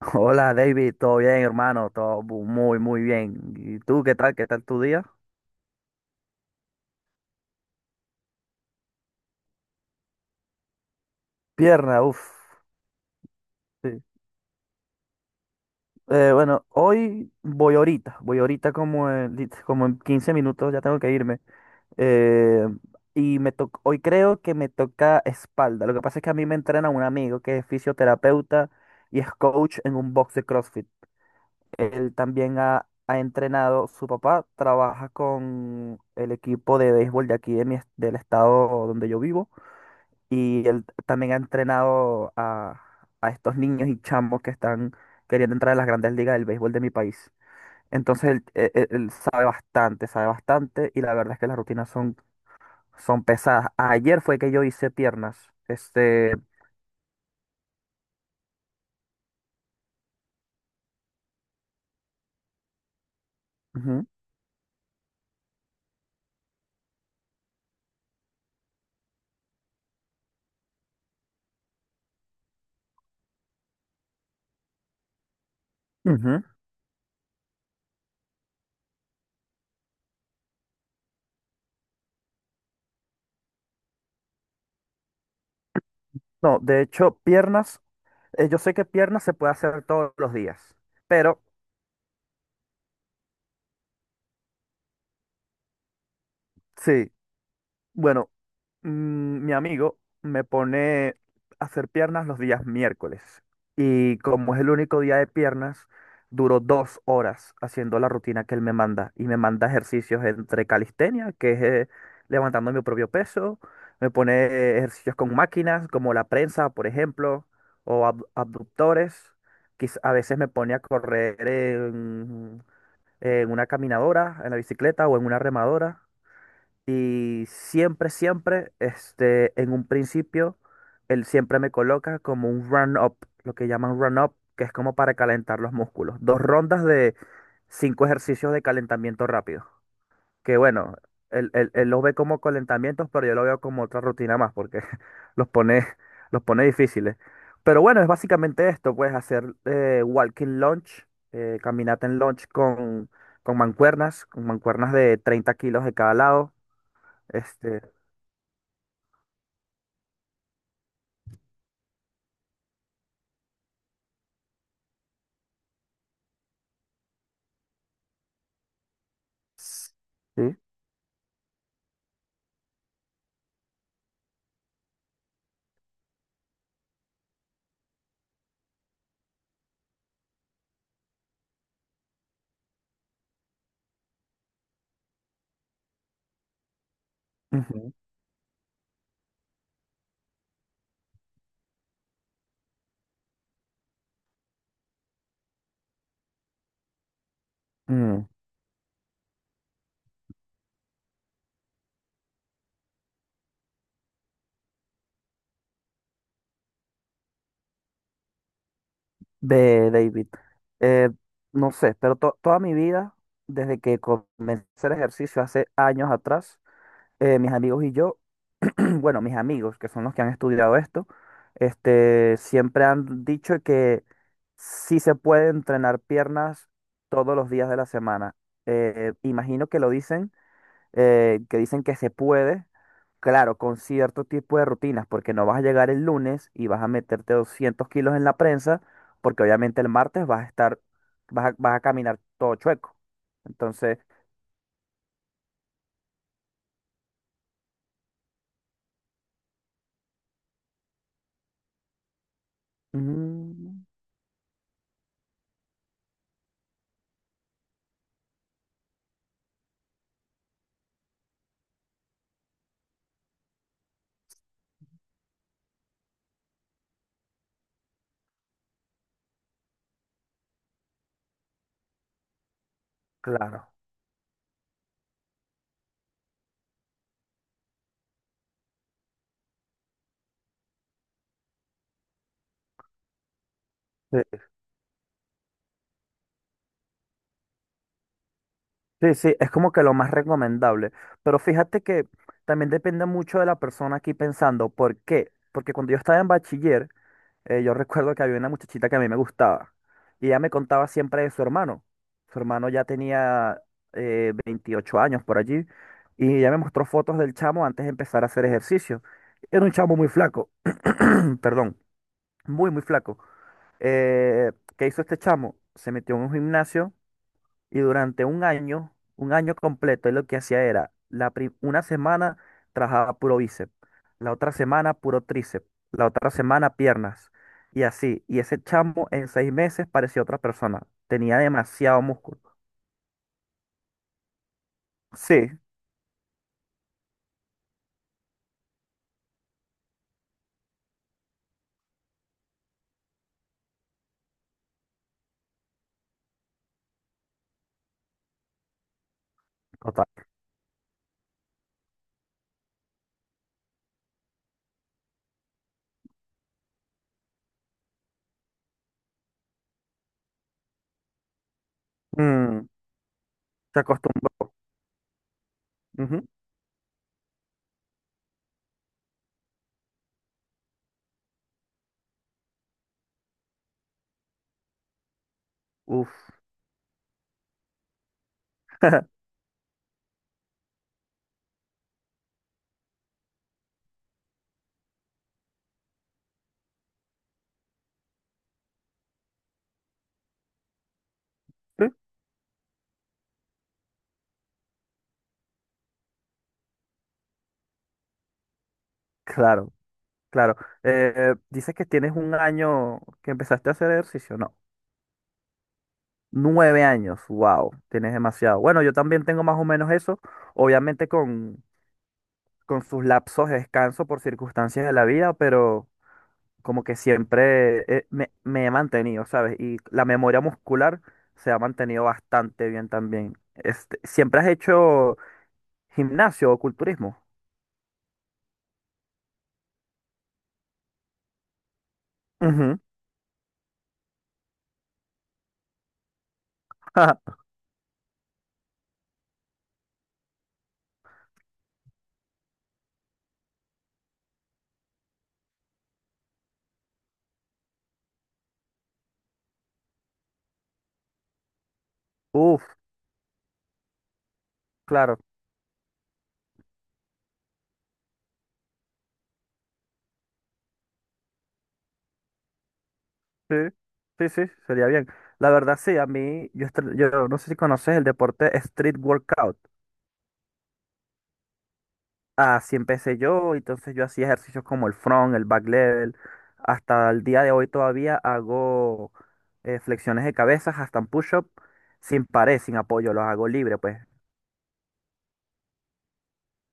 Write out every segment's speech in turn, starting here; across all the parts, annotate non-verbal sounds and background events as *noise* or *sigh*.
Hola David, todo bien hermano, muy muy bien. ¿Y tú qué tal? ¿Qué tal tu día? Pierna, uff. Sí. Bueno, hoy voy ahorita como en 15 minutos, ya tengo que irme. Eh, Hoy creo que me toca espalda. Lo que pasa es que a mí me entrena un amigo que es fisioterapeuta y es coach en un box de CrossFit. Él también ha entrenado, su papá trabaja con el equipo de béisbol de aquí del estado donde yo vivo. Y él también ha entrenado a estos niños y chamos que están queriendo entrar a las grandes ligas del béisbol de mi país. Entonces él sabe bastante, sabe bastante, y la verdad es que las rutinas son pesadas. Ayer fue que yo hice piernas. Ujú, ujú. No, de hecho, piernas, yo sé que piernas se puede hacer todos los días, pero sí. Bueno, mi amigo me pone a hacer piernas los días miércoles, y como es el único día de piernas, duro 2 horas haciendo la rutina que él me manda, y me manda ejercicios entre calistenia, que es levantando mi propio peso. Me pone ejercicios con máquinas como la prensa, por ejemplo, o abductores. A veces me pone a correr en una caminadora, en la bicicleta o en una remadora. Y siempre, siempre, en un principio, él siempre me coloca como un run-up, lo que llaman run-up, que es como para calentar los músculos. Dos rondas de cinco ejercicios de calentamiento rápido. Que bueno, él los ve como calentamientos, pero yo lo veo como otra rutina más, porque *laughs* los pone, los pone difíciles. Pero bueno, es básicamente esto, pues hacer walking lunge, caminata en lunge con mancuernas de 30 kilos de cada lado. este, sí. Ujú. mm, De David. Eh, no sé, pero toda mi vida, desde que comencé el ejercicio hace años atrás, mis amigos y yo, *clears throat* bueno, mis amigos, que son los que han estudiado esto, siempre han dicho que sí se puede entrenar piernas todos los días de la semana. Imagino que lo dicen, que dicen que se puede, claro, con cierto tipo de rutinas, porque no vas a llegar el lunes y vas a meterte 200 kilos en la prensa, porque obviamente el martes vas a estar, vas a caminar todo chueco. Entonces, mm, claro. Sí, sí, sí, es como que lo más recomendable. Pero fíjate que también depende mucho de la persona aquí pensando. ¿Por qué? Porque cuando yo estaba en bachiller, yo recuerdo que había una muchachita que a mí me gustaba, y ella me contaba siempre de su hermano. Su hermano ya tenía 28 años por allí, y ella me mostró fotos del chamo antes de empezar a hacer ejercicio. Era un chamo muy flaco, *clears throat* perdón, muy, muy flaco. ¿Qué hizo este chamo? Se metió en un gimnasio, y durante un año completo, él lo que hacía era, una semana trabajaba puro bíceps, la otra semana puro tríceps, la otra semana piernas, y así. Y ese chamo en 6 meses parecía otra persona. Tenía demasiado músculo. Sí. Total. mm, Se acostumbra. Ujú. Uf. Sí. Claro, claro. Dices que tienes un año que empezaste a hacer ejercicio, ¿no? 9 años, wow, tienes demasiado. Bueno, yo también tengo más o menos eso, obviamente con sus lapsos de descanso por circunstancias de la vida, pero como que siempre me he mantenido, ¿sabes? Y la memoria muscular se ha mantenido bastante bien también. ¿Siempre has hecho gimnasio o culturismo? Ujú. *laughs* Uf, claro. Sí, sí, sí, sería bien. La verdad, sí, a mí, yo, estre- yo no sé si conoces el deporte street workout. Así empecé yo, entonces yo hacía ejercicios como el front, el back level. Hasta el día de hoy todavía hago flexiones de cabezas, hasta un push-up, sin pared, sin apoyo, los hago libre, pues,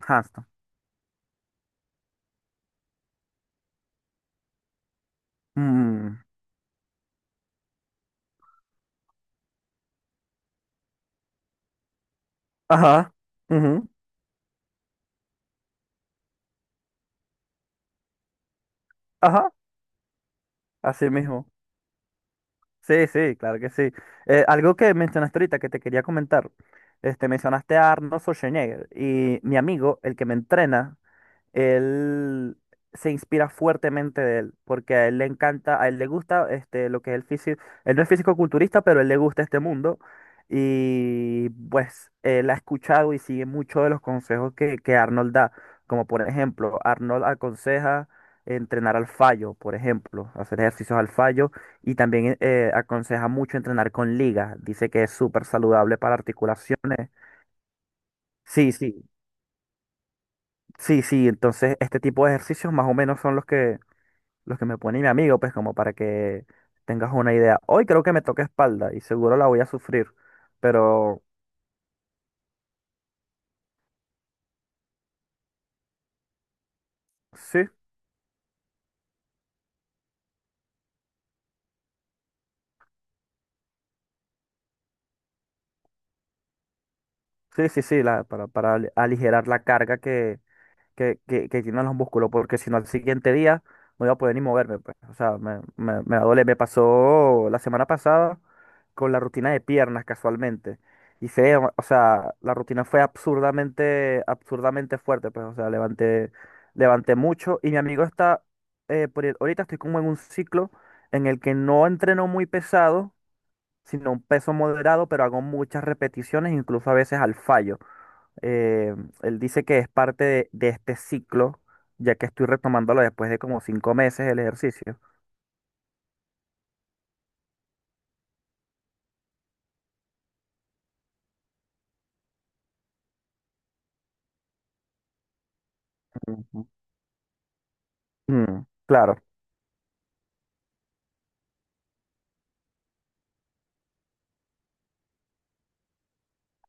handstand. Mm. Ajá, ujú, ajá, así mismo. Sí, sí, claro que sí. Algo que mencionaste ahorita que te quería comentar, mencionaste a Arnold Schwarzenegger, y mi amigo, el que me entrena, él se inspira fuertemente de él, porque a él le encanta, a él le gusta lo que es el físico. Él no es físico-culturista, pero a él le gusta este mundo, y pues él ha escuchado y sigue muchos de los consejos que Arnold da. Como por ejemplo, Arnold aconseja entrenar al fallo, por ejemplo, hacer ejercicios al fallo, y también aconseja mucho entrenar con ligas, dice que es súper saludable para articulaciones. Sí, sí, sí, sí, entonces este tipo de ejercicios más o menos son los que me pone mi amigo, pues, como para que tengas una idea. Hoy creo que me toca espalda y seguro la voy a sufrir, pero sí, sí, sí, sí, la, para ali- aligerar la carga que tienen los músculos, porque si no al siguiente día no iba a poder ni moverme, pues. O sea, me va a doler. Me pasó la semana pasada con la rutina de piernas casualmente. O sea, la rutina fue absurdamente, absurdamente fuerte, pues, o sea, levanté mucho, y mi amigo está, por, ahorita estoy como en un ciclo en el que no entreno muy pesado sino un peso moderado, pero hago muchas repeticiones, incluso a veces al fallo. Eh, Él dice que es parte de este ciclo, ya que estoy retomándolo después de como 5 meses el ejercicio. Ujú. Mm, claro,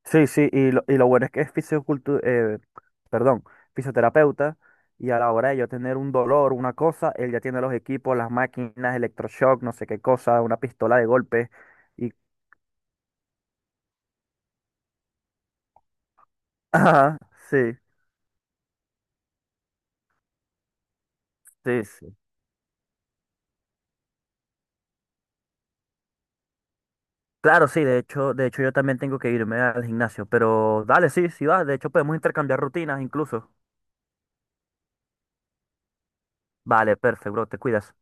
sí, sí, y lo bueno es que es perdón, fisioterapeuta, y a la hora de yo tener un dolor, una cosa, él ya tiene los equipos, las máquinas, electroshock, no sé qué cosa, una pistola de golpe, y... *laughs* Ajá, sí, sí, sí. Claro, sí, de hecho yo también tengo que irme al gimnasio, pero dale, sí, sí va. De hecho, podemos intercambiar rutinas incluso. Vale, perfecto, bro, te cuidas.